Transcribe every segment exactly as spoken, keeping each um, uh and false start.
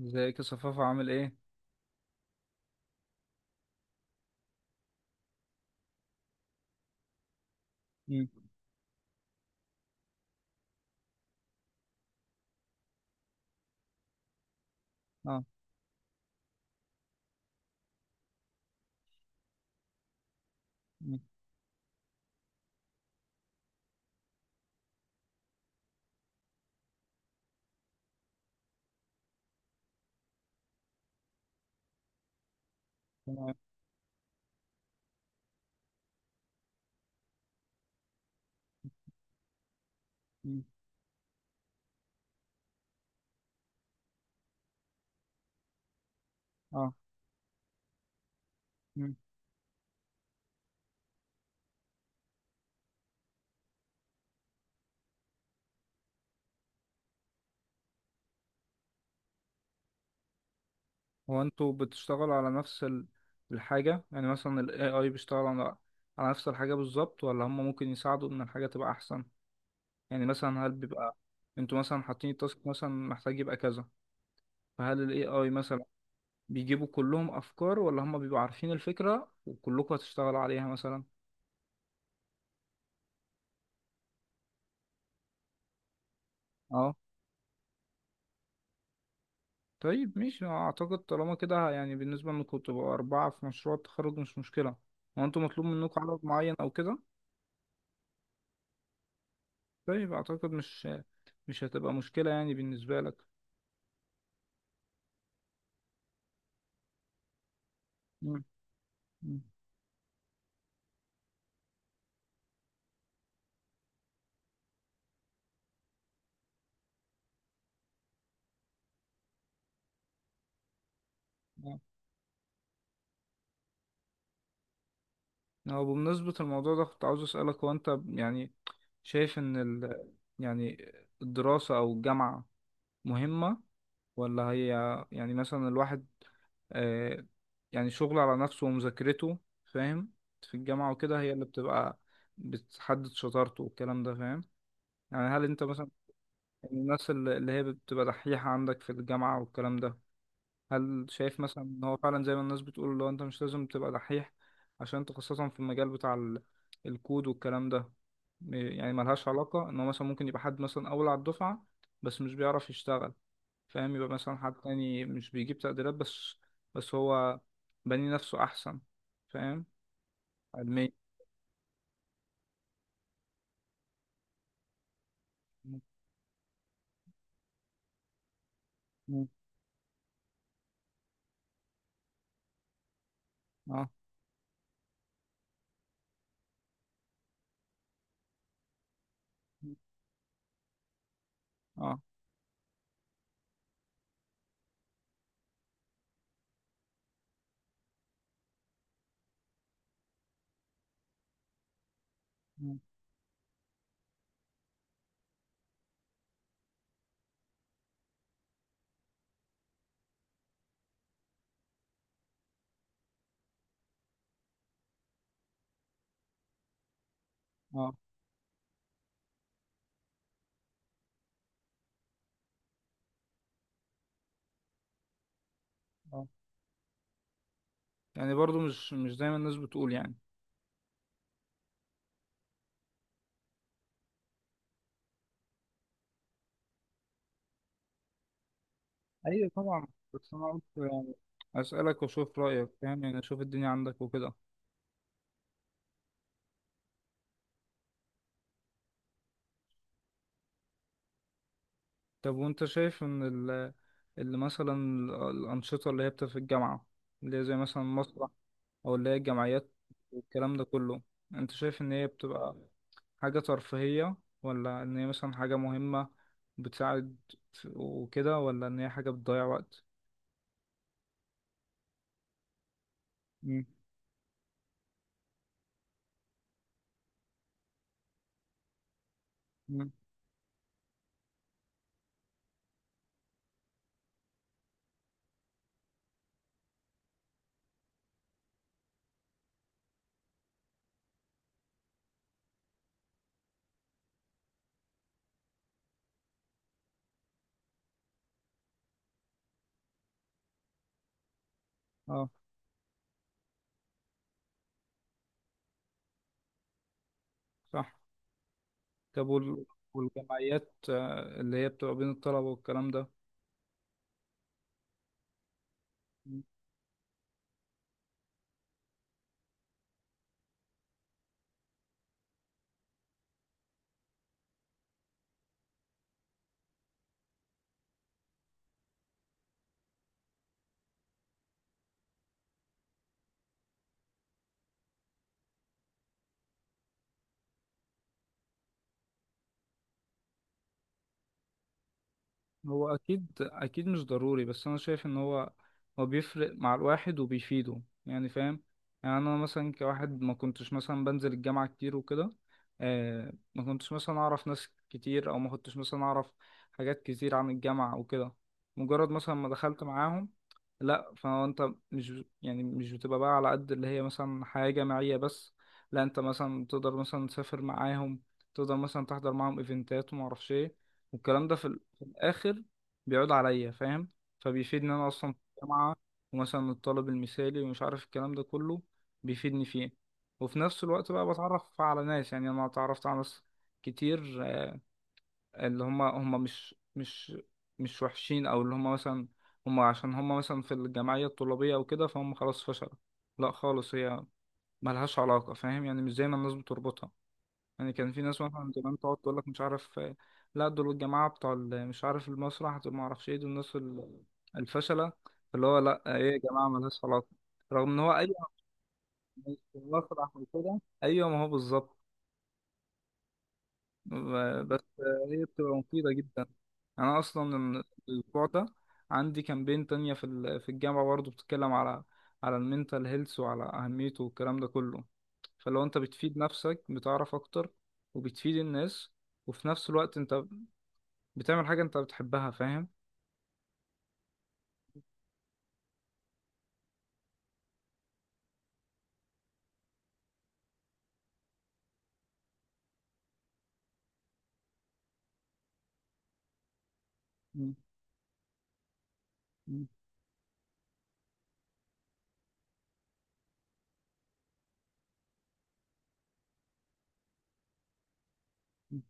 ازيك يا صفافة، عامل ايه؟ مم. اه. مم. تمام. مم. اه. مم. هو انتوا بتشتغلوا على نفس ال- الحاجة، يعني مثلا ال ايه اي بيشتغل على على نفس الحاجة بالظبط، ولا هم ممكن يساعدوا ان الحاجة تبقى احسن؟ يعني مثلا هل بيبقى انتوا مثلا حاطين التاسك مثلا محتاج يبقى كذا، فهل ال ايه اي مثلا بيجيبوا كلهم افكار، ولا هم بيبقوا عارفين الفكرة وكلكم هتشتغلوا عليها مثلا؟ طيب، ماشي، أنا اعتقد طالما كده يعني بالنسبة انكم تبقوا اربعة في مشروع التخرج مش مشكلة. هو انتوا مطلوب منكم عدد معين او كده؟ طيب، اعتقد مش مش هتبقى مشكلة يعني بالنسبة لك. مم. مم. آه. هو بمناسبة الموضوع ده كنت عاوز اسألك، هو انت يعني شايف ان ال... يعني الدراسة او الجامعة مهمة، ولا هي يعني مثلا الواحد آه، يعني شغله على نفسه ومذاكرته فاهم، في الجامعة وكده هي اللي بتبقى بتحدد شطارته والكلام ده فاهم؟ يعني هل انت مثلا الناس اللي اللي هي بتبقى دحيحة عندك في الجامعة والكلام ده، هل شايف مثلا ان هو فعلا زي ما الناس بتقول، لو انت مش لازم تبقى دحيح عشان انت خاصة في المجال بتاع ال- الكود والكلام ده، م- يعني ملهاش علاقة، ان هو مثلا ممكن يبقى حد مثلا اول على الدفعة بس مش بيعرف يشتغل فاهم، يبقى مثلا حد تاني مش بيجيب تقديرات بس بس هو بني نفسه أحسن فاهم، علميا. مم. اه، اه. مم. اه، اه، يعني برضو مش مش دايما الناس بتقول يعني. أيوة، طبعا، بس أنا قلت يعني أسألك وأشوف رأيك، فاهم، يعني أشوف الدنيا عندك وكده. طب وأنت شايف إن ال اللي مثلا ال- الأنشطة اللي هي بتبقى في الجامعة، اللي هي زي مثلا مسرح أو اللي هي الجمعيات والكلام ده كله، أنت شايف إن هي بتبقى حاجة ترفيهية، ولا إن هي مثلا حاجة مهمة بتساعد وكده، ولا إن هي حاجة بتضيع وقت؟ مم. مم. اه، صح. طب وال- والجمعيات آه، اللي هي بتبقى بين الطلبة والكلام ده، هو اكيد اكيد مش ضروري، بس انا شايف ان هو هو بيفرق مع الواحد وبيفيده يعني فاهم. يعني انا مثلا كواحد ما كنتش مثلا بنزل الجامعة كتير وكده، آه ما كنتش مثلا اعرف ناس كتير، او ما كنتش مثلا اعرف حاجات كتير عن الجامعة وكده، مجرد مثلا ما دخلت معاهم، لا، فانت مش يعني مش بتبقى بقى على قد اللي هي مثلا حياة جامعية بس، لا، انت مثلا تقدر مثلا تسافر معاهم، تقدر مثلا تحضر معاهم ايفنتات وما اعرفش ايه والكلام ده في اخر بيعود عليا فاهم، فبيفيد ان انا اصلا في الجامعه، ومثلا الطالب المثالي ومش عارف الكلام ده كله بيفيدني فيه، وفي نفس الوقت بقى بتعرف على ناس، يعني انا اتعرفت على ناس كتير، آه، اللي هم هم مش مش مش وحشين، او اللي هم مثلا هم عشان هم مثلا في الجمعيه الطلابيه او كده، فهم خلاص فشلوا، لا خالص، هي ملهاش علاقه فاهم، يعني مش زي ما الناس بتربطها، يعني كان في ناس مثلا زمان تقعد تقول لك مش عارف آه، لا، دول الجماعة بتوع ال- مش عارف المسرح دول ما اعرفش ايه، دول الناس ال- الفشلة، اللي هو لا، آه، ايه يا جماعة ملهاش علاقة، رغم ان هو ايوه مش في المسرح وكده، ايوه، ما هو بالظبط. آه، بس آه، هي بتبقى مفيدة جدا، انا اصلا من الاسبوع ده عندي كامبين تانية في ال- في الجامعة برضه بتتكلم على على المينتال هيلث وعلى اهميته والكلام ده كله، فلو انت بتفيد نفسك بتعرف اكتر وبتفيد الناس وفي نفس الوقت انت بتعمل حاجة انت بتحبها فاهم. مم. مم. مم.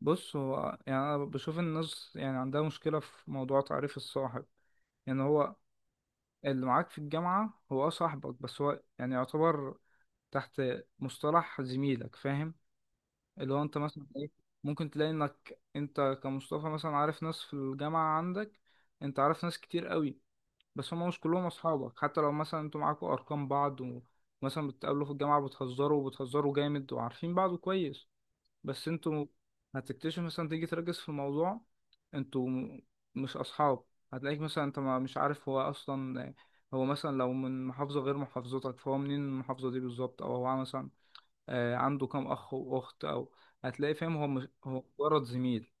بص هو يعني انا بشوف الناس يعني عندها مشكلة في موضوع تعريف الصاحب، يعني هو اللي معاك في الجامعة هو، اه، صاحبك، بس هو يعني يعتبر تحت مصطلح زميلك فاهم، اللي هو انت مثلا ايه، ممكن تلاقي انك انت كمصطفى مثلا عارف ناس في الجامعة عندك، انت عارف ناس كتير قوي، بس هم مش كلهم اصحابك، حتى لو مثلا انتوا معاكوا ارقام بعض ومثلا بتقابلوا في الجامعة بتهزروا وبتهزروا جامد وعارفين بعض كويس، بس انتوا هتكتشف مثلا تيجي تركز في موضوع، انتوا م- مش اصحاب، هتلاقيك مثلا انت ما مش عارف هو اصلا، هو مثلا لو من محافظة غير محافظتك فهو منين، المحافظة دي بالظبط او هو مثلا آه، عنده كام اخ واخت او هتلاقي فاهم، هو مش هو مجرد زميل.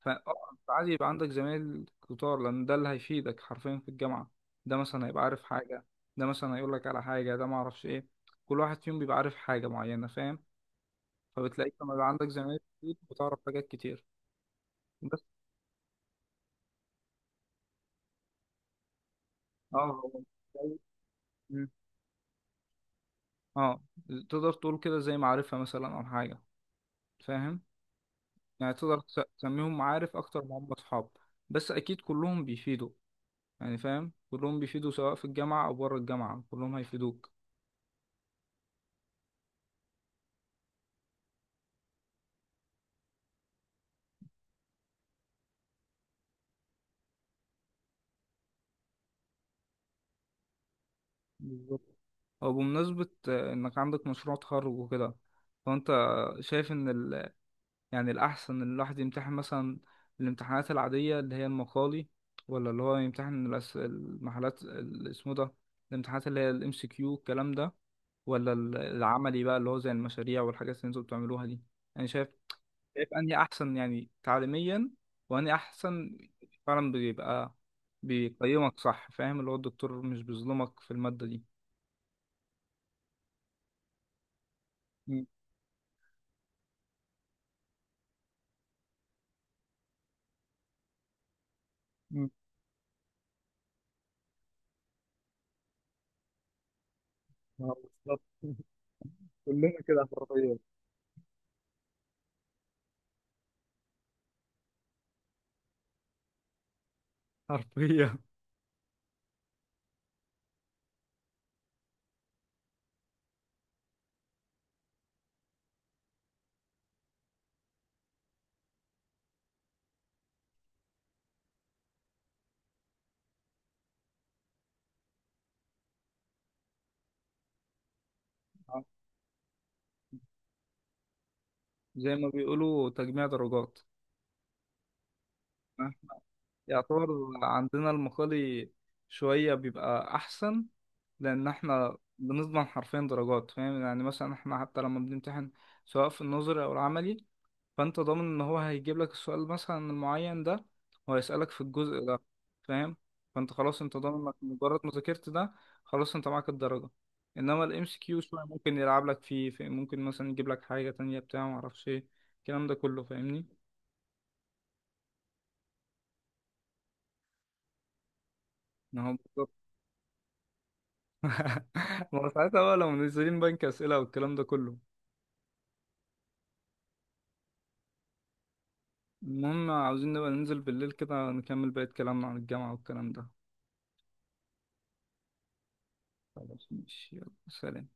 فعادي يبقى عندك زمايل كتار، لان ده اللي هيفيدك حرفيا في الجامعة، ده مثلا هيبقى عارف حاجة، ده مثلا هيقولك على حاجة، ده معرفش ايه، كل واحد فيهم بيبقى عارف حاجة معينة فاهم، فبتلاقيك لما يبقى عندك زمايل كتير بتعرف حاجات كتير. بس اه هو زي- مم. اه، تقدر تقول كده زي معرفة مثلا أو حاجة فاهم، يعني تقدر تس- تسميهم معارف أكتر ما هم أصحاب، بس أكيد كلهم بيفيدوا يعني فاهم، كلهم بيفيدوا سواء في الجامعة أو بره الجامعة كلهم هيفيدوك. بالظبط. أو بمناسبة آه، إنك عندك مشروع تخرج وكده، فأنت شايف إن ال- يعني الأحسن إن الواحد يمتحن مثلا الامتحانات العادية اللي هي المقالي، ولا اللي هو يمتحن الأس... المحالات ال- اسمه ده، الامتحانات اللي هي الام سي كيو الكلام ده، ولا ال- العملي بقى اللي هو زي المشاريع والحاجات اللي انتوا بتعملوها دي، يعني شايف، شايف أنهي أحسن يعني تعليميا، وأنهي أحسن فعلا بيبقى بيقيمك صح فاهم، اللي هو الدكتور مش بيظلمك في المادة دي. مم. مم. آه، بالظبط. كلنا كده حرفيا، حرفيا زي ما بيقولوا تجميع درجات، احنا يعتبر عندنا المقالي شوية بيبقى أحسن، لأن احنا بنضمن حرفيا درجات فاهم، يعني مثلا احنا حتى لما بنمتحن سواء في النظري أو العملي، فأنت ضامن إن هو هيجيب لك السؤال مثلا المعين ده وهيسألك في الجزء ده فاهم، فأنت خلاص أنت ضامن إنك مجرد ما ذاكرت ده، خلاص أنت معاك الدرجة، إنما ال ام سي كيو شوية ممكن يلعب لك فيه، في- ممكن مثلا يجيب لك حاجة تانية بتاع معرفش إيه الكلام ده كله فاهمني؟ إن هو ما هو ساعتها بقى لو منزلين بنك أسئلة والكلام ده كله. المهم عاوزين نبقى ننزل بالليل كده نكمل بقية كلامنا عن الجامعة والكلام ده. خلاص، ماشي، يلا، سلام.